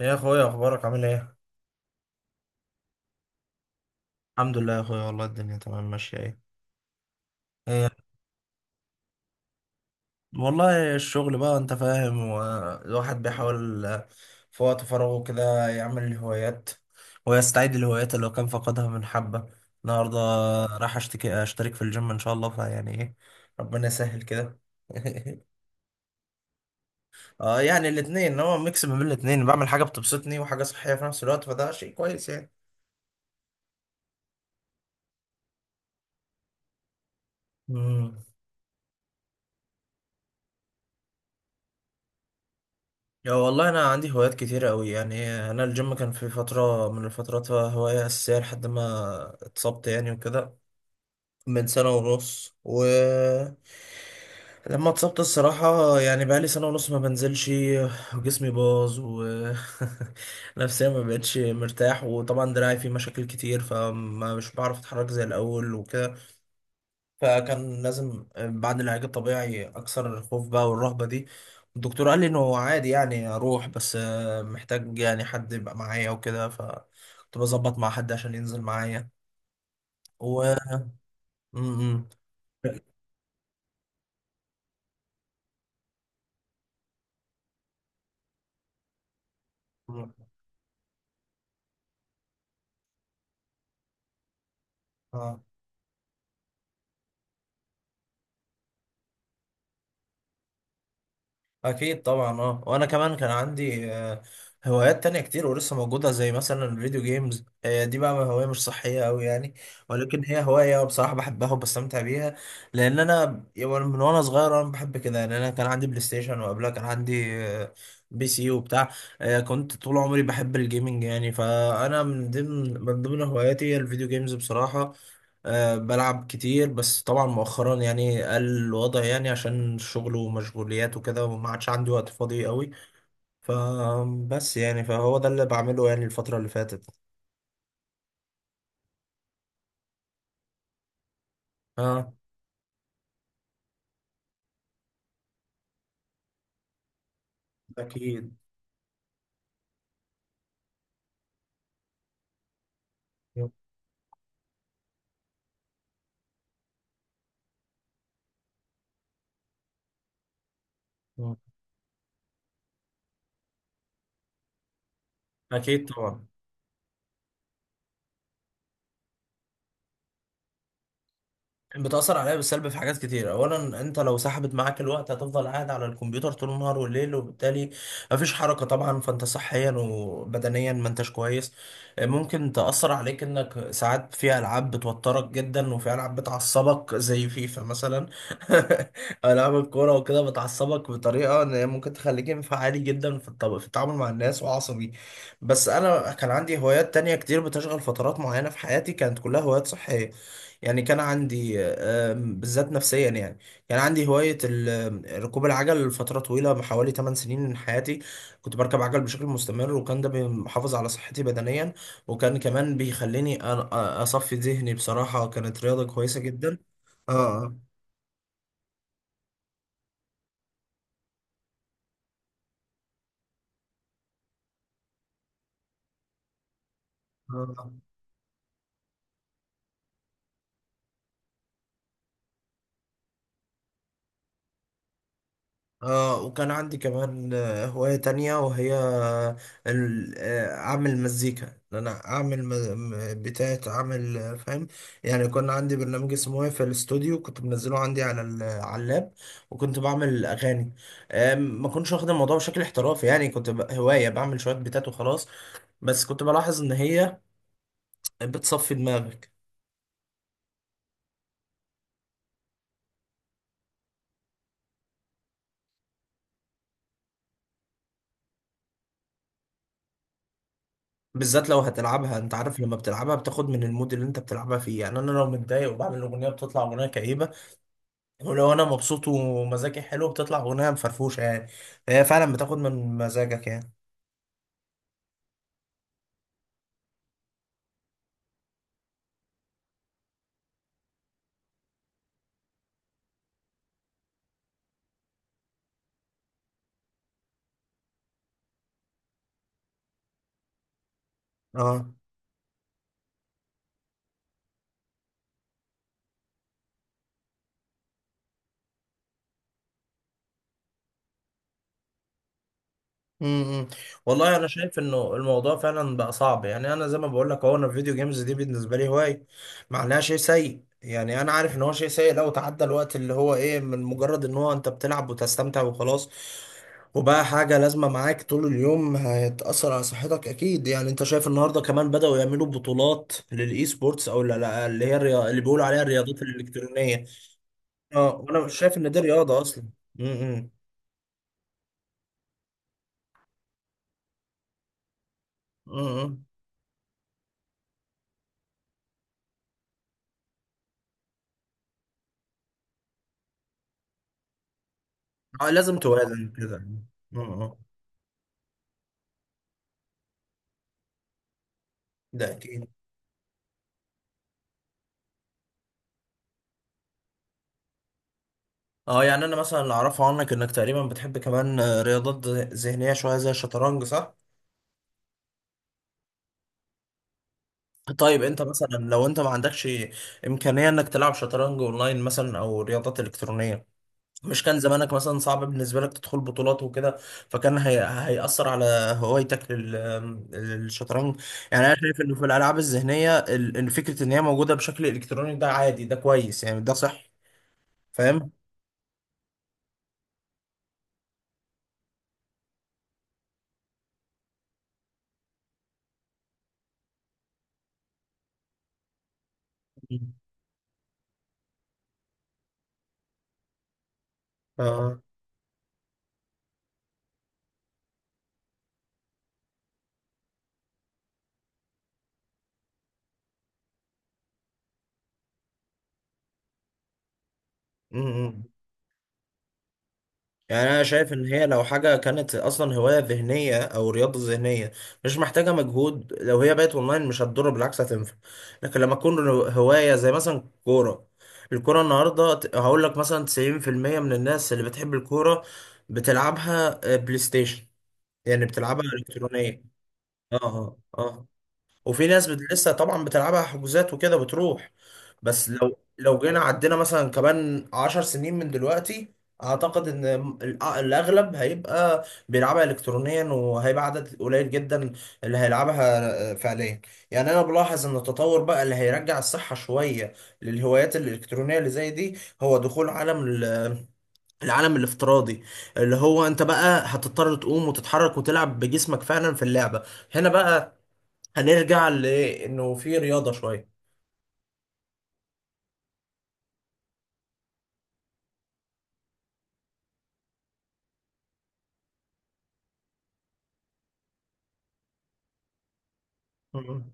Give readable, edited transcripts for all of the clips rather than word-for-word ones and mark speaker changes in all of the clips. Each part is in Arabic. Speaker 1: يا اخويا، اخبارك عامل ايه؟ الحمد لله يا اخويا، والله الدنيا تمام ماشيه ايه؟ إيه، والله الشغل بقى انت فاهم، والواحد بيحاول في وقت فراغه كده يعمل الهوايات، ويستعيد الهوايات اللي هو كان فقدها من حبة. النهاردة راح اشترك في الجيم ان شاء الله، فيعني ايه، ربنا يسهل كده. اه يعني الاتنين، هو ميكس ما بين الاتنين، بعمل حاجة بتبسطني وحاجة صحية في نفس الوقت، فده شيء كويس. يعني يا والله انا عندي هوايات كتيرة قوي، يعني انا الجيم كان في فترة من الفترات هواية اساسية لحد ما اتصبت يعني وكده. من سنة ونص لما اتصبت الصراحة يعني بقالي سنة ونص ما بنزلش، وجسمي باظ نفسيا ما بقتش مرتاح، وطبعا دراعي فيه مشاكل كتير، فما مش بعرف اتحرك زي الاول وكده. فكان لازم بعد العلاج الطبيعي اكسر الخوف بقى والرهبة دي. الدكتور قال لي انه عادي يعني اروح، بس محتاج يعني حد يبقى معايا وكده، فكنت بظبط مع حد عشان ينزل معايا و م- م. اه اكيد طبعا. اه وانا كمان كان عندي هوايات تانية كتير ولسه موجودة، زي مثلا الفيديو جيمز، دي بقى هواية مش صحية أوي يعني، ولكن هي هواية بصراحة بحبها وبستمتع بيها. لأن أنا يعني من وأنا صغير أنا بحب كده، يعني أنا كان عندي بلاي ستيشن، وقبلها كان عندي بي سي وبتاع. كنت طول عمري بحب الجيمنج يعني، فأنا من ضمن هواياتي هي الفيديو جيمز بصراحة. أه بلعب كتير، بس طبعا مؤخرا يعني قل الوضع، يعني عشان الشغل ومشغوليات وكده، وما عادش عندي وقت فاضي قوي. فبس يعني فهو ده اللي بعمله يعني الفترة اللي فاتت. اه اكيد. اكيد طبعا. بتأثر عليا بالسلب في حاجات كتير. أولا أنت لو سحبت معاك الوقت هتفضل قاعد على الكمبيوتر طول النهار والليل، وبالتالي مفيش حركة طبعا، فأنت صحيا وبدنيا ما أنتش كويس. ممكن تأثر عليك إنك ساعات في ألعاب بتوترك جدا، وفي ألعاب بتعصبك زي فيفا مثلا. ألعاب الكورة وكده بتعصبك بطريقة إن هي ممكن تخليك انفعالي جدا في في التعامل مع الناس وعصبي. بس أنا كان عندي هوايات تانية كتير بتشغل فترات معينة في حياتي كانت كلها هوايات صحية. يعني كان عندي بالذات نفسيا يعني. يعني عندي هواية ركوب العجل لفترة طويلة، حوالي 8 سنين من حياتي كنت بركب عجل بشكل مستمر، وكان ده بيحافظ على صحتي بدنيا، وكان كمان بيخليني أصفي ذهني. بصراحة كانت رياضة كويسة جدا. اه آه. اه وكان عندي كمان هواية تانية، وهي أعمل مزيكا. إن أنا أعمل بتاعة، أعمل فاهم يعني. كان عندي برنامج اسمه إيه في الاستوديو كنت منزله عندي على على اللاب، وكنت بعمل أغاني. ما كنتش واخد الموضوع بشكل احترافي يعني، كنت هواية بعمل شوية بتات وخلاص، بس كنت بلاحظ إن هي بتصفي دماغك. بالذات لو هتلعبها، انت عارف لما بتلعبها بتاخد من المود اللي انت بتلعبها فيه. يعني انا لو متضايق وبعمل اغنيه بتطلع اغنيه كئيبه، ولو انا مبسوط ومزاجي حلو بتطلع اغنيه مفرفوشه يعني. هي فعلا بتاخد من مزاجك يعني. اه، امم امم. والله انا شايف انه الموضوع فعلا بقى صعب. يعني انا زي ما بقول لك، هو انا الفيديو جيمز دي بالنسبه لي هوايه، معناها شيء سيء. يعني انا عارف ان هو شيء سيء لو تعدى الوقت اللي هو ايه من مجرد ان هو انت بتلعب وتستمتع وخلاص، وبقى حاجه لازمه معاك طول اليوم هتاثر على صحتك اكيد. يعني انت شايف النهارده كمان بداوا يعملوا بطولات للاي سبورتس، او لا، اللي هي اللي بيقولوا عليها الرياضات الالكترونيه. اه وانا مش شايف ان دي رياضه اصلا. امم امم. اه لازم توازن كده. اه اه. ده اكيد. اه يعني انا مثلا اللي اعرفه عنك، انك تقريبا بتحب كمان رياضات ذهنيه شويه زي الشطرنج، صح؟ طيب انت مثلا لو انت ما عندكش امكانيه انك تلعب شطرنج اونلاين مثلا او رياضات الكترونيه، مش كان زمانك مثلا صعب بالنسبه لك تدخل بطولات وكده؟ فكان هيأثر على هوايتك للشطرنج. يعني انا شايف انه في الالعاب الذهنيه إن فكره ان هي موجوده بشكل الكتروني ده عادي، ده كويس يعني، ده صح. فاهم؟ اه. امم. يعني انا شايف ان هي لو حاجه كانت اصلا هوايه ذهنيه او رياضه ذهنيه مش محتاجه مجهود، لو هي بقت اونلاين مش هتضر، بالعكس هتنفع. لكن لما تكون هوايه زي مثلا كوره، الكوره النهارده هقول لك مثلا 90% من الناس اللي بتحب الكوره بتلعبها بلاي ستيشن، يعني بتلعبها الكترونيه. اه اه اه. وفي ناس لسه طبعا بتلعبها حجوزات وكده بتروح. بس لو جينا عدينا مثلا كمان 10 سنين من دلوقتي، اعتقد ان الاغلب هيبقى بيلعبها الكترونيا، وهيبقى عدد قليل جدا اللي هيلعبها فعليا. يعني انا بلاحظ ان التطور بقى اللي هيرجع الصحة شوية للهوايات الالكترونية اللي زي دي هو دخول العالم الافتراضي، اللي هو انت بقى هتضطر تقوم وتتحرك وتلعب بجسمك فعلا في اللعبة. هنا بقى هنرجع لايه، انه في رياضه شويه. مم.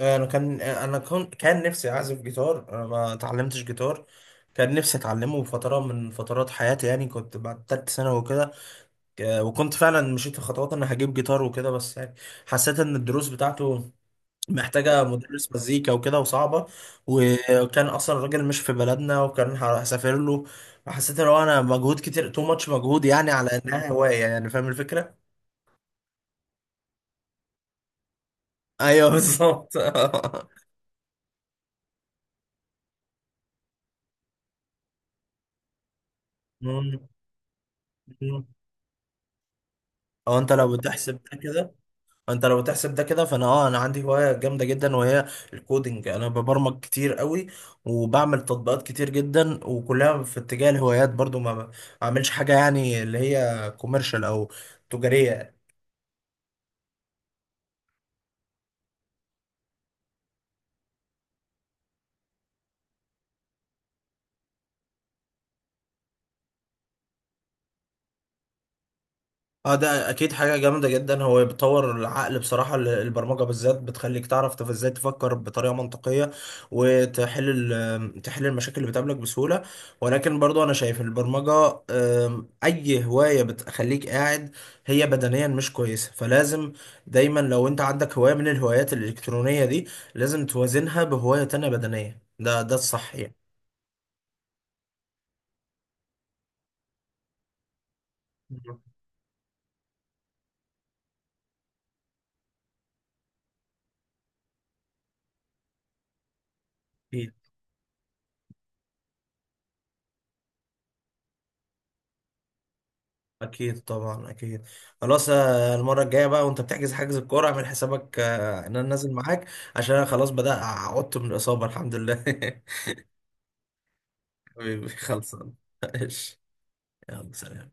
Speaker 1: انا كان انا كنت كان نفسي اعزف جيتار، انا ما اتعلمتش جيتار. كان نفسي اتعلمه فتره من فترات حياتي، يعني كنت بعد تالت سنه وكده. وكنت فعلا مشيت في خطوات ان هجيب جيتار وكده، بس يعني حسيت ان الدروس بتاعته محتاجه مدرس مزيكا وكده وصعبه، وكان اصلا الراجل مش في بلدنا وكان هسافر له. فحسيت ان هو انا مجهود كتير، تو ماتش مجهود يعني على انها هوايه، يعني فاهم الفكره. ايوه بالظبط. مم. مم. او انت لو بتحسب ده كده انت لو بتحسب ده كده، فانا انا عندي هوايه جامده جدا، وهي الكودينج. انا ببرمج كتير قوي، وبعمل تطبيقات كتير جدا، وكلها في اتجاه الهوايات برضو، ما بعملش حاجه يعني اللي هي كوميرشال او تجاريه. اه ده اكيد حاجة جامدة جدا. هو بيطور العقل بصراحة، البرمجة بالذات بتخليك تعرف ازاي تفكر بطريقة منطقية، وتحل تحل المشاكل اللي بتقابلك بسهولة. ولكن برضو انا شايف البرمجة، اي هواية بتخليك قاعد هي بدنيا مش كويسة، فلازم دايما لو انت عندك هواية من الهوايات الالكترونية دي لازم توازنها بهواية تانية بدنية. ده الصح يعني. أكيد. اكيد طبعا اكيد. خلاص المره الجايه بقى وانت بتحجز حجز الكوره اعمل حسابك، ان انا نازل معاك عشان انا خلاص بدأ عدت من الاصابه، الحمد لله. حبيبي خلصان. ماشي. يلا، سلام.